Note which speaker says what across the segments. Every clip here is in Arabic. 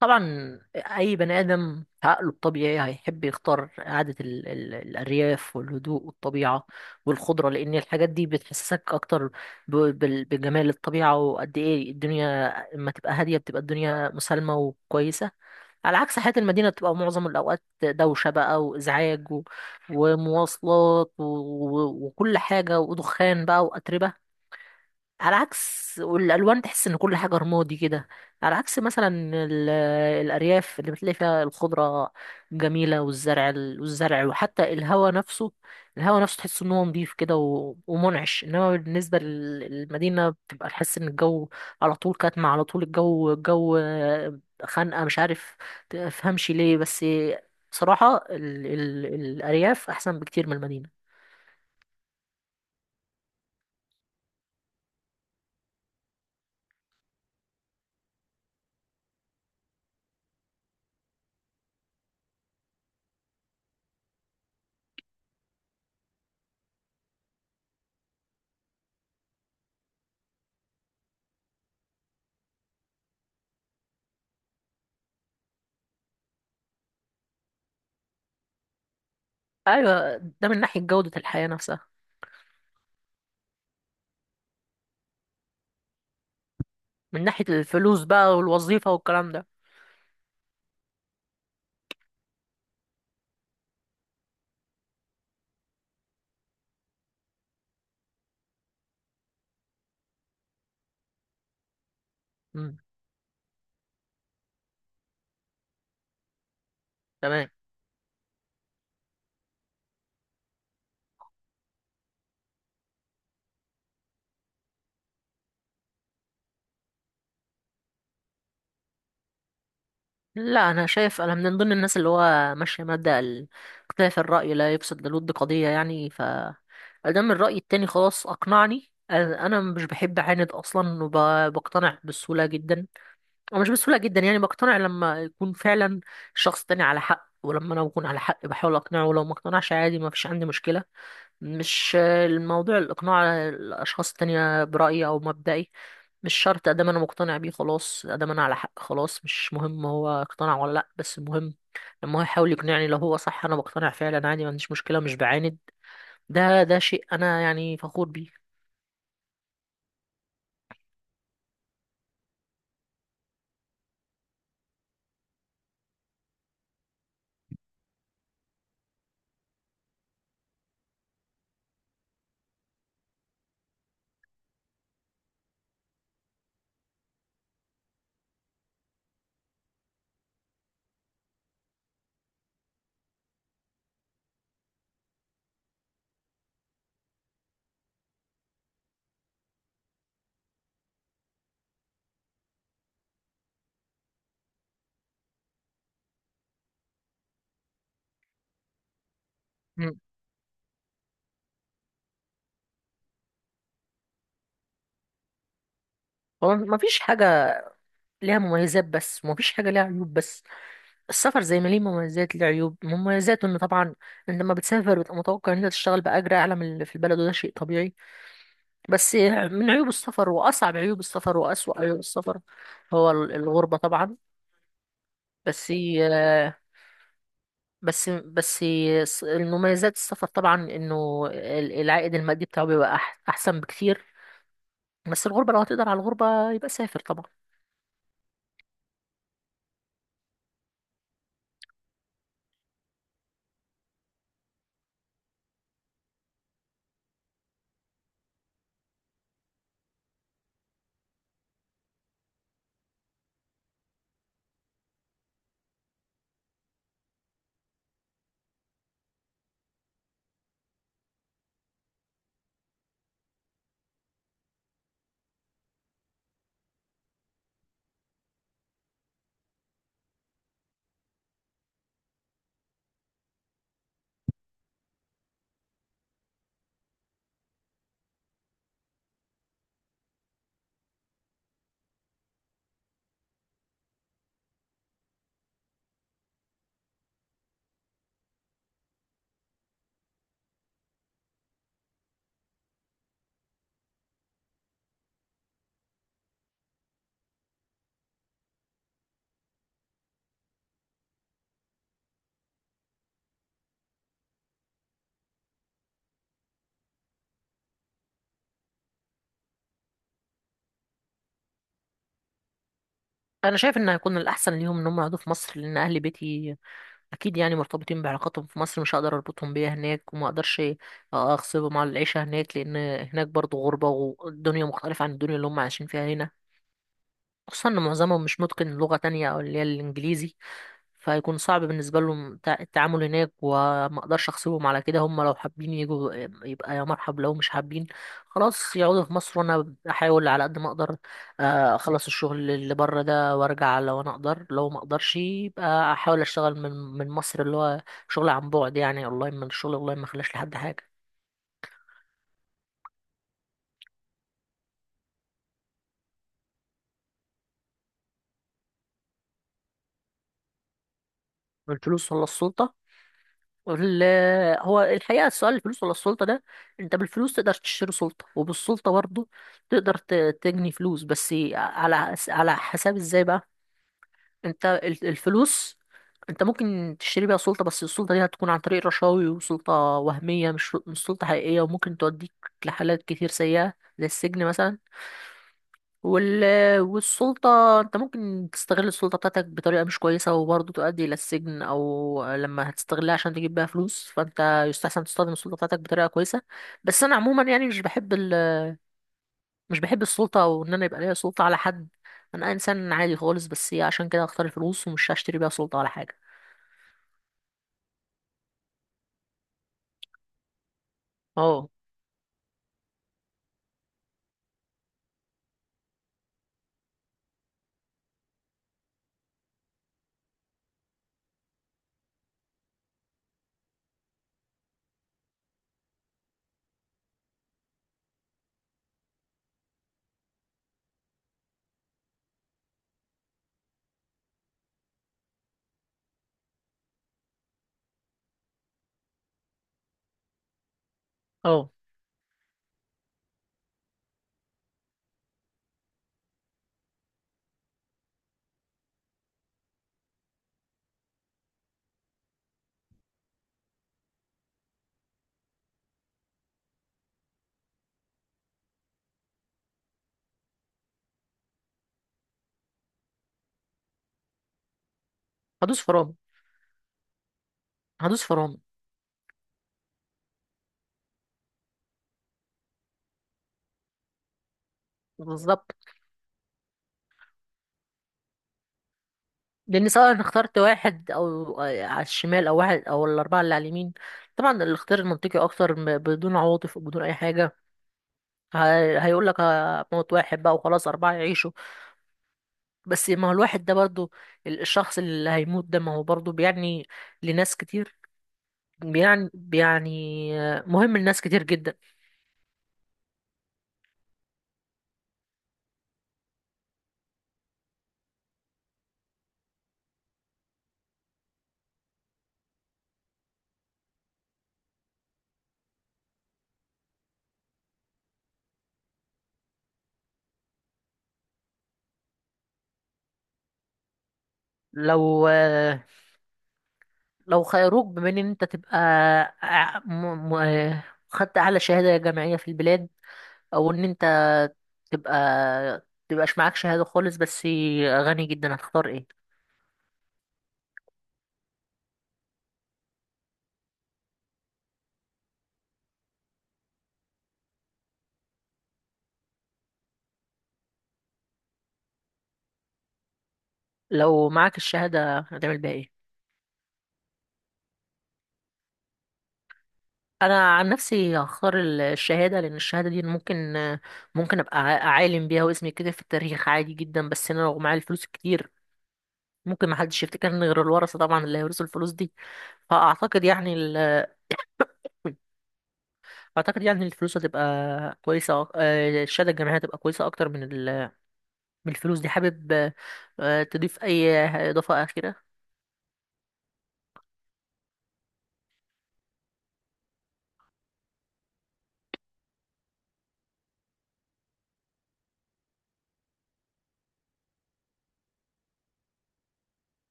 Speaker 1: طبعا، اي بني ادم عقله الطبيعي هيحب يختار قعده ال الارياف والهدوء والطبيعه والخضره، لان الحاجات دي بتحسسك اكتر بجمال الطبيعه، وقد ايه الدنيا لما تبقى هاديه بتبقى الدنيا مسالمه وكويسه، على عكس حياه المدينه بتبقى معظم الاوقات دوشه بقى وازعاج ومواصلات وكل حاجه ودخان بقى واتربه. على عكس، والالوان تحس ان كل حاجه رمادي كده، على عكس مثلا الارياف اللي بتلاقي فيها الخضره جميله والزرع والزرع، وحتى الهواء نفسه، الهواء نفسه تحس ان هو نضيف كده ومنعش، انما بالنسبه للمدينه بتبقى تحس ان الجو على طول كاتمه، على طول الجو خانقه، مش عارف تفهمش ليه. بس بصراحه ال الارياف احسن بكتير من المدينه. ايوه، ده من ناحيه جوده الحياه نفسها. من ناحية الفلوس بقى والوظيفة والكلام ده. مم. تمام. لا، أنا شايف أنا من ضمن الناس اللي هو ماشية مبدأ اختلاف الرأي لا يفسد للود قضية، يعني ف أدام الرأي التاني خلاص أقنعني، أنا مش بحب أعاند أصلا، وبقتنع بسهولة جدا، أو مش بسهولة جدا يعني بقتنع لما يكون فعلا الشخص التاني على حق، ولما أنا بكون على حق بحاول أقنعه، ولو ما اقتنعش عادي ما فيش عندي مشكلة. مش الموضوع الإقناع الأشخاص التانية برأيي أو مبدئي، مش شرط ادام انا مقتنع بيه خلاص، ادام انا على حق خلاص مش مهم هو اقتنع ولا لا، بس المهم لما هو يحاول يقنعني لو هو صح انا بقتنع فعلا عادي، ما عنديش مشكله، مش بعاند. ده شيء انا يعني فخور بيه. مم. هو مفيش حاجه ليها مميزات بس، ومفيش حاجه ليها عيوب بس، السفر زي ما ليه مميزات ليه عيوب. مميزاته ان طبعا انت لما بتسافر بتبقى متوقع ان انت تشتغل باجر اعلى من اللي في البلد، وده شيء طبيعي. بس من عيوب السفر، واصعب عيوب السفر، واسوأ عيوب السفر هو الغربه طبعا. بس آه، بس بس المميزات السفر طبعا انه العائد المادي بتاعه بيبقى احسن بكتير. بس الغربة، لو هتقدر على الغربة يبقى سافر طبعا. انا شايف ان هيكون الاحسن ليهم ان هم يقعدوا في مصر، لان اهل بيتي اكيد يعني مرتبطين بعلاقاتهم في مصر، مش هقدر اربطهم بيها هناك، وما اقدرش اغصبهم على العيشة هناك، لان هناك برضو غربة، والدنيا مختلفة عن الدنيا اللي هم عايشين فيها هنا، خصوصا ان معظمهم مش متقن لغة تانية او اللي هي الانجليزي، فهيكون صعب بالنسبة لهم التعامل هناك، وما اقدرش اغصبهم على كده. هم لو حابين يجوا يبقى يا مرحب، لو مش حابين خلاص يقعدوا في مصر، وانا احاول على قد ما اقدر اخلص الشغل اللي بره ده وارجع، لو انا اقدر. لو ما اقدرش يبقى احاول اشتغل من مصر، اللي هو شغل عن بعد يعني اونلاين، من الشغل اونلاين ما خلاش لحد حاجة. الفلوس ولا السلطة. ال- هو الحقيقة السؤال الفلوس ولا السلطة ده، انت بالفلوس تقدر تشتري سلطة، وبالسلطة برضه تقدر تجني فلوس، بس على حساب ازاي بقى. انت الفلوس، انت ممكن تشتري بيها سلطة، بس السلطة دي هتكون عن طريق رشاوي وسلطة وهمية، مش سلطة حقيقية، وممكن توديك لحالات كتير سيئة زي السجن مثلا. وال... والسلطة انت ممكن تستغل السلطة بتاعتك بطريقة مش كويسة، وبرضه تؤدي إلى السجن، أو لما هتستغلها عشان تجيب بيها فلوس، فانت يستحسن تستخدم السلطة بتاعتك بطريقة كويسة. بس أنا عموما يعني مش بحب مش بحب السلطة، أو إن أنا يبقى ليا سلطة على حد. أنا إنسان عادي خالص، بس هي عشان كده هختار الفلوس، ومش هشتري بيها سلطة على حاجة. اه، اه. هدوس فرامل، هدوس فرامل. بالظبط. لان سواء انا اخترت واحد او على الشمال، او واحد او الاربعه اللي على اليمين، طبعا الاختيار المنطقي اكتر بدون عواطف وبدون اي حاجه، هيقول لك موت واحد بقى وخلاص، اربعه يعيشوا. بس ما هو الواحد ده برضو، الشخص اللي هيموت ده، ما هو برضو بيعني لناس كتير، بيعني مهم لناس كتير جدا. لو لو خيروك بما ان انت تبقى ع- م- م- خدت اعلى شهاده جامعيه في البلاد، او ان انت تبقى تبقاش معاك شهادة خالص بس غني جدا، هتختار ايه؟ لو معاك الشهادة هتعمل بيها ايه؟ انا عن نفسي هختار الشهادة، لان الشهادة دي ممكن، ابقى عالم بيها، واسمي كده في التاريخ عادي جدا. بس انا لو معايا الفلوس الكتير، ممكن محدش يفتكرني غير الورثة طبعا اللي هيورثوا الفلوس دي. فاعتقد يعني ال... اعتقد يعني الفلوس هتبقى كويسة، الشهادة الجامعية هتبقى كويسة اكتر من من الفلوس دي. حابب تضيف اي اضافة اخيرة؟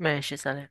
Speaker 1: ماشي، سلام.